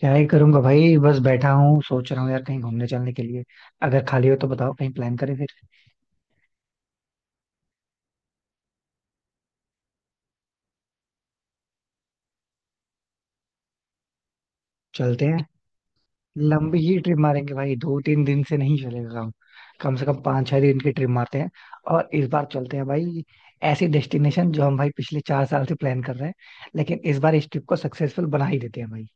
क्या ही करूंगा भाई, बस बैठा हूँ सोच रहा हूँ यार, कहीं घूमने चलने के लिए अगर खाली हो तो बताओ, कहीं प्लान करें फिर। चलते हैं, लंबी ही ट्रिप मारेंगे भाई, दो तीन दिन से नहीं चलेगा काम। कम से कम पाँच छह दिन की ट्रिप मारते हैं, और इस बार चलते हैं भाई ऐसी डेस्टिनेशन जो हम भाई पिछले चार साल से प्लान कर रहे हैं, लेकिन इस बार इस ट्रिप को सक्सेसफुल बना ही देते हैं भाई।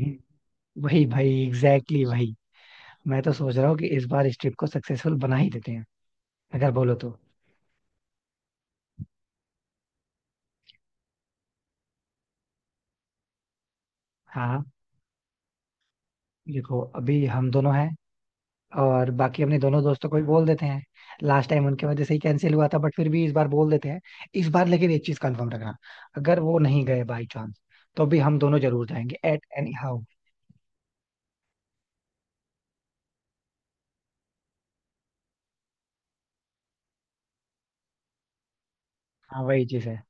हम्म। वही भाई, एग्जैक्टली exactly भाई। मैं तो सोच रहा हूँ कि इस बार इस ट्रिप को सक्सेसफुल बना ही देते हैं, अगर बोलो तो। हाँ, देखो, अभी हम दोनों हैं, और बाकी अपने दोनों दोस्तों को भी बोल देते हैं। लास्ट टाइम उनके वजह से ही कैंसिल हुआ था, बट फिर भी इस बार बोल देते हैं। इस बार लेकिन एक चीज कंफर्म रखना, अगर वो नहीं गए बाई चांस, तो भी हम दोनों जरूर जाएंगे एट एनी हाउ। हाँ वही चीज है।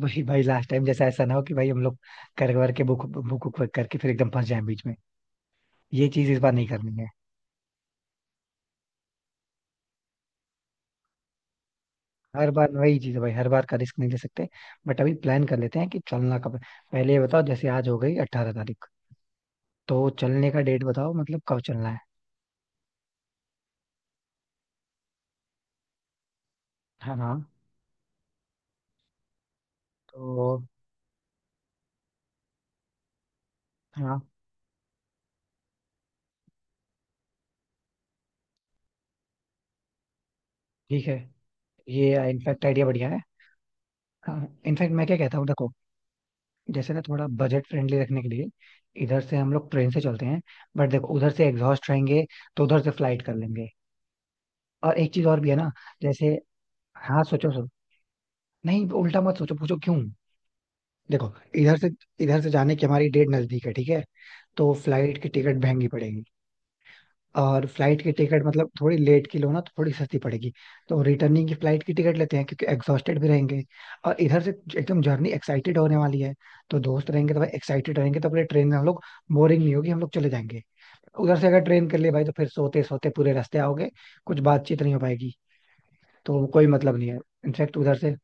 भाई भाई लास्ट टाइम जैसा ऐसा ना हो कि भाई हम लोग कर कर के बुक बुक बुक करके फिर एकदम फंस जाए बीच में। ये चीज इस बार नहीं करनी है। हर बार वही चीज है भाई, हर बार का रिस्क नहीं ले सकते। बट अभी प्लान कर लेते हैं कि चलना कब है। पहले ये बताओ, जैसे आज हो गई अट्ठारह तारीख, तो चलने का डेट बताओ, मतलब कब चलना है। हाँ हाँ। तो हाँ, ठीक है। ये इनफैक्ट आइडिया बढ़िया है। हाँ, इनफैक्ट मैं क्या कहता हूँ, देखो, जैसे ना थोड़ा बजट फ्रेंडली रखने के लिए इधर से हम लोग ट्रेन से चलते हैं, बट देखो उधर से एग्जॉस्ट रहेंगे, तो उधर से फ्लाइट कर लेंगे। और एक चीज और भी है ना। जैसे, हाँ सोचो सोचो, नहीं उल्टा मत सोचो, पूछो क्यों। देखो, इधर से इधर से जाने की हमारी डेट नजदीक है, ठीक है, तो फ्लाइट की टिकट महंगी पड़ेगी। और फ्लाइट की टिकट मतलब थोड़ी लेट की लो ना तो थोड़ी सस्ती पड़ेगी। तो रिटर्निंग की फ्लाइट की टिकट लेते हैं, क्योंकि एग्जॉस्टेड भी रहेंगे। और इधर से एकदम जर्नी एक्साइटेड होने वाली है, तो दोस्त रहेंगे तो भाई एक्साइटेड रहेंगे, तो अपने ट्रेन में हम लोग बोरिंग नहीं होगी, हम लोग चले जाएंगे। उधर से अगर ट्रेन कर लिए भाई, तो फिर सोते सोते पूरे रास्ते आओगे, कुछ बातचीत नहीं हो पाएगी, तो कोई मतलब नहीं है। इनफैक्ट उधर से,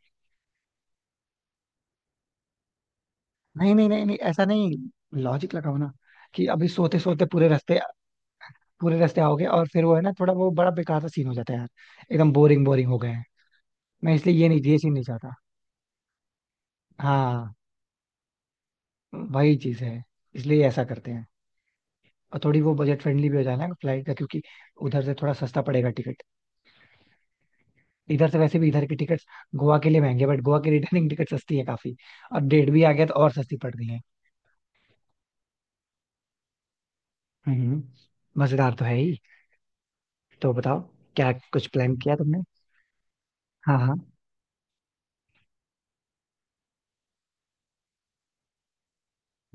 नहीं नहीं नहीं नहीं ऐसा नहीं, लॉजिक लगाओ ना, कि अभी सोते सोते पूरे रास्ते आओगे और फिर वो है ना, थोड़ा वो बड़ा बेकार सा सीन हो जाता है यार। एकदम बोरिंग बोरिंग हो गए। मैं इसलिए ये नहीं, ये चीज नहीं चाहता। हाँ वही चीज है, इसलिए ऐसा करते हैं। और थोड़ी वो बजट फ्रेंडली भी हो जाए ना फ्लाइट का, क्योंकि उधर से थोड़ा सस्ता पड़ेगा टिकट। इधर से वैसे भी इधर की टिकट्स गोवा के लिए महंगे, बट गोवा की रिटर्निंग टिकट सस्ती है काफी, और डेट भी आ गया तो और सस्ती पड़ रही है। हम्म। मजेदार तो है ही। तो बताओ, क्या कुछ प्लान किया तुमने। हाँ हाँ,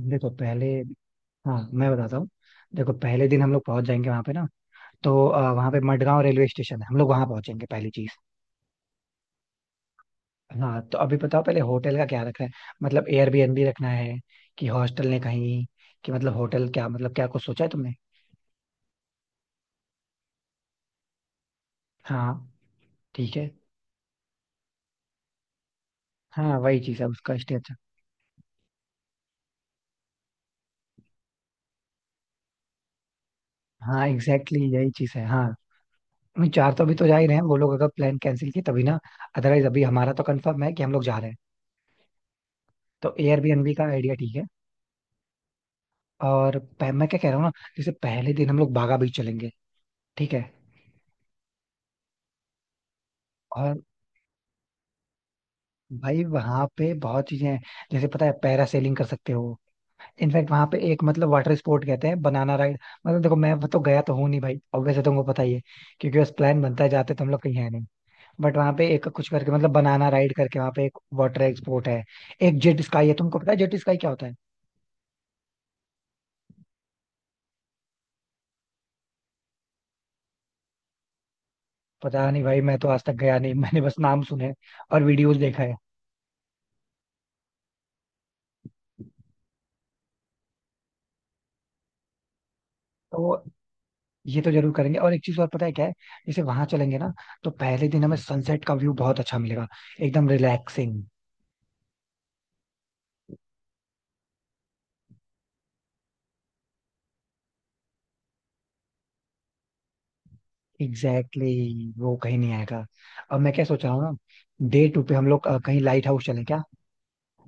देखो पहले, हाँ मैं बताता हूँ। देखो पहले दिन हम लोग पहुंच जाएंगे वहां पे ना, तो वहां पे मडगांव रेलवे स्टेशन है, हम लोग वहां पहुंचेंगे पहली चीज। हाँ, तो अभी बताओ पहले होटल का क्या रखना है, मतलब एयरबीएनबी रखना है कि हॉस्टल ने कहीं, कि मतलब होटल क्या, मतलब क्या कुछ सोचा है तुमने। हाँ, ठीक है। हाँ वही चीज़ है, उसका स्टे अच्छा। हाँ एग्जैक्टली exactly, यही चीज़ है। हाँ, नहीं, चार तो अभी तो जा ही रहे हैं वो लोग अगर प्लान कैंसिल किए तभी ना, अदरवाइज अभी हमारा तो कंफर्म है कि हम लोग जा रहे हैं। तो एयरबीएनबी का आइडिया ठीक है। और मैं क्या कह रहा हूँ ना, जैसे पहले दिन हम लोग बागा बीच चलेंगे, ठीक है। और भाई वहां पे बहुत चीजें हैं, जैसे पता है पैरासेलिंग कर सकते हो। इनफैक्ट वहां पे एक, मतलब वाटर स्पोर्ट कहते हैं, बनाना राइड। मतलब देखो, मैं तो गया तो हूँ नहीं भाई, ऑब्वियसली तुमको पता ही है, क्योंकि बस प्लान बनता है, जाते तो हम लोग कहीं है नहीं। बट वहां पे एक कुछ करके, मतलब बनाना राइड करके, वहां पे एक वाटर स्पोर्ट है। एक जेट स्काई है, तुमको पता है जेट स्काई क्या होता है। पता नहीं भाई, मैं तो आज तक गया नहीं मैंने बस नाम सुने हैं और वीडियोस देखा है। तो ये तो जरूर करेंगे। और एक चीज और पता है क्या है, जैसे वहां चलेंगे ना, तो पहले दिन हमें सनसेट का व्यू बहुत अच्छा मिलेगा, एकदम रिलैक्सिंग। एग्जैक्टली exactly, वो कहीं नहीं आएगा। अब मैं क्या सोच रहा हूँ ना, डे टू पे हम लोग कहीं लाइट हाउस चलें क्या।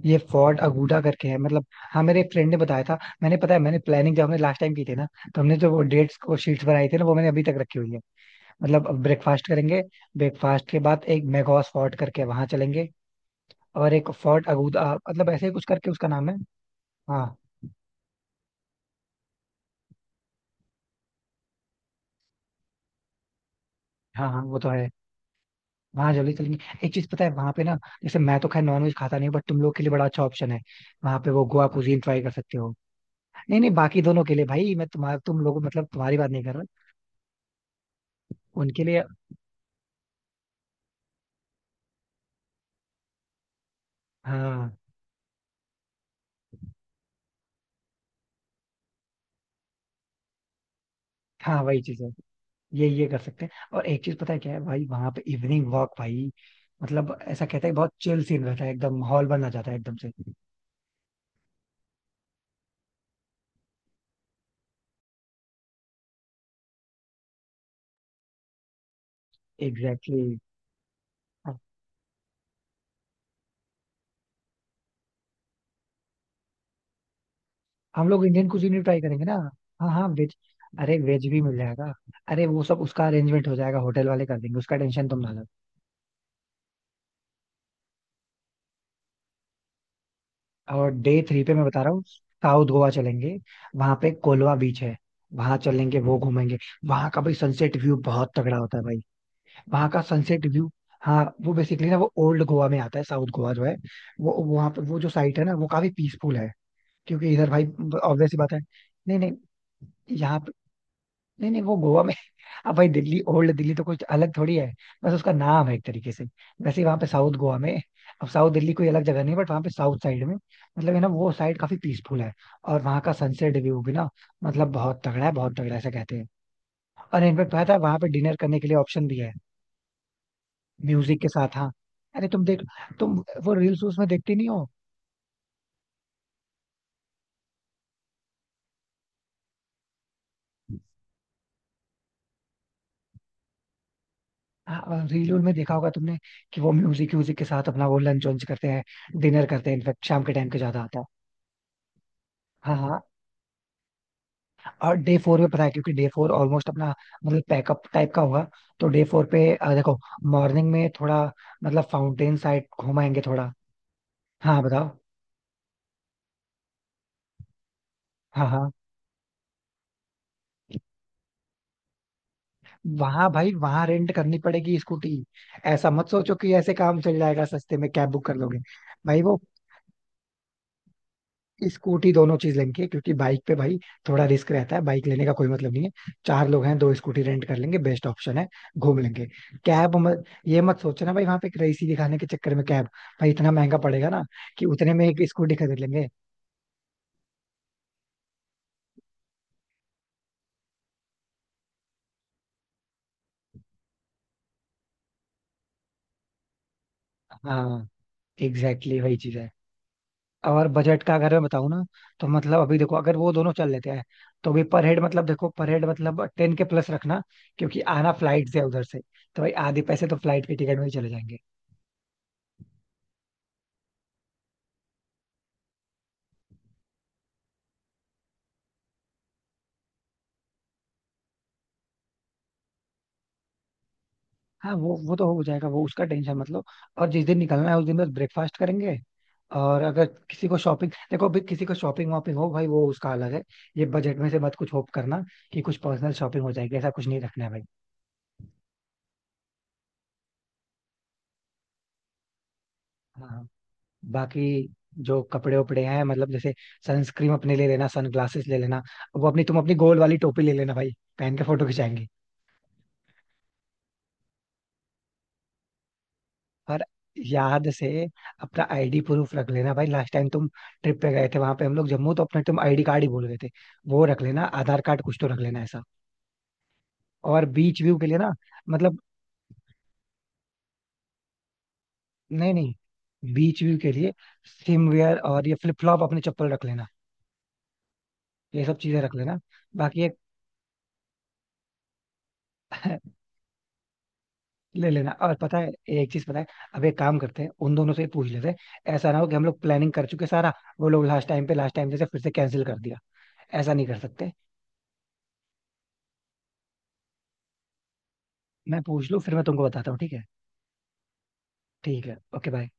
ये फोर्ट अगुडा करके है मतलब। हाँ, मेरे एक फ्रेंड ने बताया था। मैंने, पता है मैंने प्लानिंग जब हमने लास्ट टाइम की थी ना, तो हमने जो वो डेट्स को शीट्स बनाई थी ना, वो मैंने अभी तक रखी हुई है। मतलब ब्रेकफास्ट करेंगे, ब्रेकफास्ट के बाद एक मेघोस फोर्ट करके वहां चलेंगे, और एक फोर्ट अगुडा, मतलब ऐसे ही कुछ करके उसका नाम है। हाँ हाँ। हाँ वो तो है, वहाँ जल्दी चलेंगे। एक चीज पता है वहां पे ना, जैसे मैं तो खैर नॉनवेज खाता नहीं हूँ, बट तुम लोग के लिए बड़ा अच्छा ऑप्शन है, वहां पे वो गोवा कुजीन ट्राई कर सकते हो। नहीं नहीं, बाकी दोनों के लिए भाई, मैं तुम्हारा तुम लोग मतलब तुम्हारी बात नहीं कर रहा, उनके लिए। हाँ हाँ वही चीज है, ये कर सकते हैं। और एक चीज पता है क्या है भाई, वहां पे इवनिंग वॉक भाई, मतलब ऐसा कहते हैं बहुत चिल सीन रहता है, एकदम माहौल बन आ जाता है एकदम से। Exactly exactly. हम लोग इंडियन कुजीन भी ट्राई करेंगे ना। हाँ हाँ, वेज, अरे वेज भी मिल जाएगा, अरे वो सब उसका अरेंजमेंट हो जाएगा, होटल वाले कर देंगे, उसका टेंशन तुम ना लो। और डे थ्री पे मैं बता रहा हूँ, साउथ गोवा चलेंगे, वहां पे कोलवा बीच है, वहां चलेंगे वो घूमेंगे। वहां का भाई सनसेट व्यू बहुत तगड़ा होता है भाई, वहां का सनसेट व्यू। हाँ, वो बेसिकली ना वो ओल्ड गोवा में आता है साउथ गोवा जो है। वो वहां पे वो जो साइट है ना, वो काफी पीसफुल है, क्योंकि इधर भाई, ऑब्वियस सी बात है। नहीं नहीं, यहाँ पे, नहीं नहीं वो गोवा में। अब भाई दिल्ली, ओल्ड दिल्ली तो कुछ अलग थोड़ी है, बस उसका नाम है एक तरीके से। वैसे ही वहाँ पे साउथ गोवा में, अब साउथ दिल्ली कोई अलग जगह नहीं, बट वहाँ पे साउथ साइड में मतलब है ना, वो साइड काफी पीसफुल है। और वहाँ का सनसेट व्यू भी ना, मतलब बहुत तगड़ा है, बहुत तगड़ा ऐसा कहते हैं। और इनफेक्ट पता है वहाँ पे डिनर करने के लिए ऑप्शन भी है, म्यूजिक के साथ। हाँ, अरे तुम देख, तुम वो रील्स उसमें देखती नहीं हो। हाँ रील में देखा होगा तुमने कि वो म्यूजिक म्यूजिक के साथ अपना वो लंच वंच करते हैं, डिनर करते हैं, इनफेक्ट शाम के टाइम के ज्यादा आता है। हाँ हाँ। और डे फोर पे पता है, क्योंकि डे फोर ऑलमोस्ट अपना मतलब पैकअप टाइप का होगा, तो डे फोर पे देखो मॉर्निंग में थोड़ा, मतलब फाउंटेन साइड घुमाएंगे थोड़ा। हाँ बताओ। हाँ हाँ, वहां भाई वहां रेंट करनी पड़ेगी स्कूटी, ऐसा मत सोचो कि ऐसे काम चल जाएगा सस्ते में कैब बुक कर लोगे। भाई वो स्कूटी दोनों चीज लेंगे, क्योंकि बाइक पे भाई थोड़ा रिस्क रहता है, बाइक लेने का कोई मतलब नहीं है। चार लोग हैं, दो स्कूटी रेंट कर लेंगे, बेस्ट ऑप्शन है, घूम लेंगे। कैब मत, ये मत सोचना भाई वहां पे रईसी दिखाने के चक्कर में कैब, भाई इतना महंगा पड़ेगा ना कि उतने में एक स्कूटी खरीद लेंगे। हाँ एग्जैक्टली exactly वही चीज है। और बजट का अगर मैं बताऊं ना, तो मतलब अभी देखो अगर वो दोनों चल लेते हैं, तो भी पर हेड मतलब देखो पर हेड मतलब टेन के प्लस रखना, क्योंकि आना फ्लाइट से है उधर से, तो भाई आधे पैसे तो फ्लाइट के टिकट में ही चले जाएंगे। हाँ वो तो हो जाएगा, वो उसका टेंशन मतलब। और जिस दिन निकलना है उस दिन बस ब्रेकफास्ट करेंगे। और अगर किसी को शॉपिंग, देखो अभी किसी को शॉपिंग वॉपिंग हो भाई वो उसका अलग है, ये बजट में से मत कुछ होप करना कि कुछ पर्सनल शॉपिंग हो जाएगी, ऐसा कुछ नहीं रखना है भाई। हाँ। बाकी जो कपड़े वपड़े हैं, मतलब जैसे सनस्क्रीन अपने ले लेना, सनग्लासेस ले लेना, वो अपनी तुम अपनी गोल वाली टोपी ले लेना भाई, पहन के फोटो खिंचाएंगे। और याद से अपना आईडी प्रूफ रख लेना भाई, लास्ट टाइम तुम ट्रिप पे गए थे वहां पे हम लोग जम्मू, तो अपना तुम आईडी कार्ड ही भूल गए थे। वो रख लेना आधार कार्ड कुछ तो रख लेना ऐसा। और बीच व्यू के लिए ना, मतलब, नहीं नहीं, बीच व्यू के लिए स्विम वेयर और ये फ्लिप फ्लॉप अपने चप्पल रख लेना, ये सब चीजें रख लेना। बाकी एक ले लेना। और पता है एक चीज पता है, अब एक काम करते हैं उन दोनों से ही पूछ लेते हैं, ऐसा ना हो कि हम लोग प्लानिंग कर चुके सारा, वो लोग लास्ट टाइम पे लास्ट टाइम जैसे फिर से कैंसिल कर दिया, ऐसा नहीं कर सकते। मैं पूछ लूं फिर मैं तुमको बताता हूँ, ठीक है। ठीक है, ओके बाय।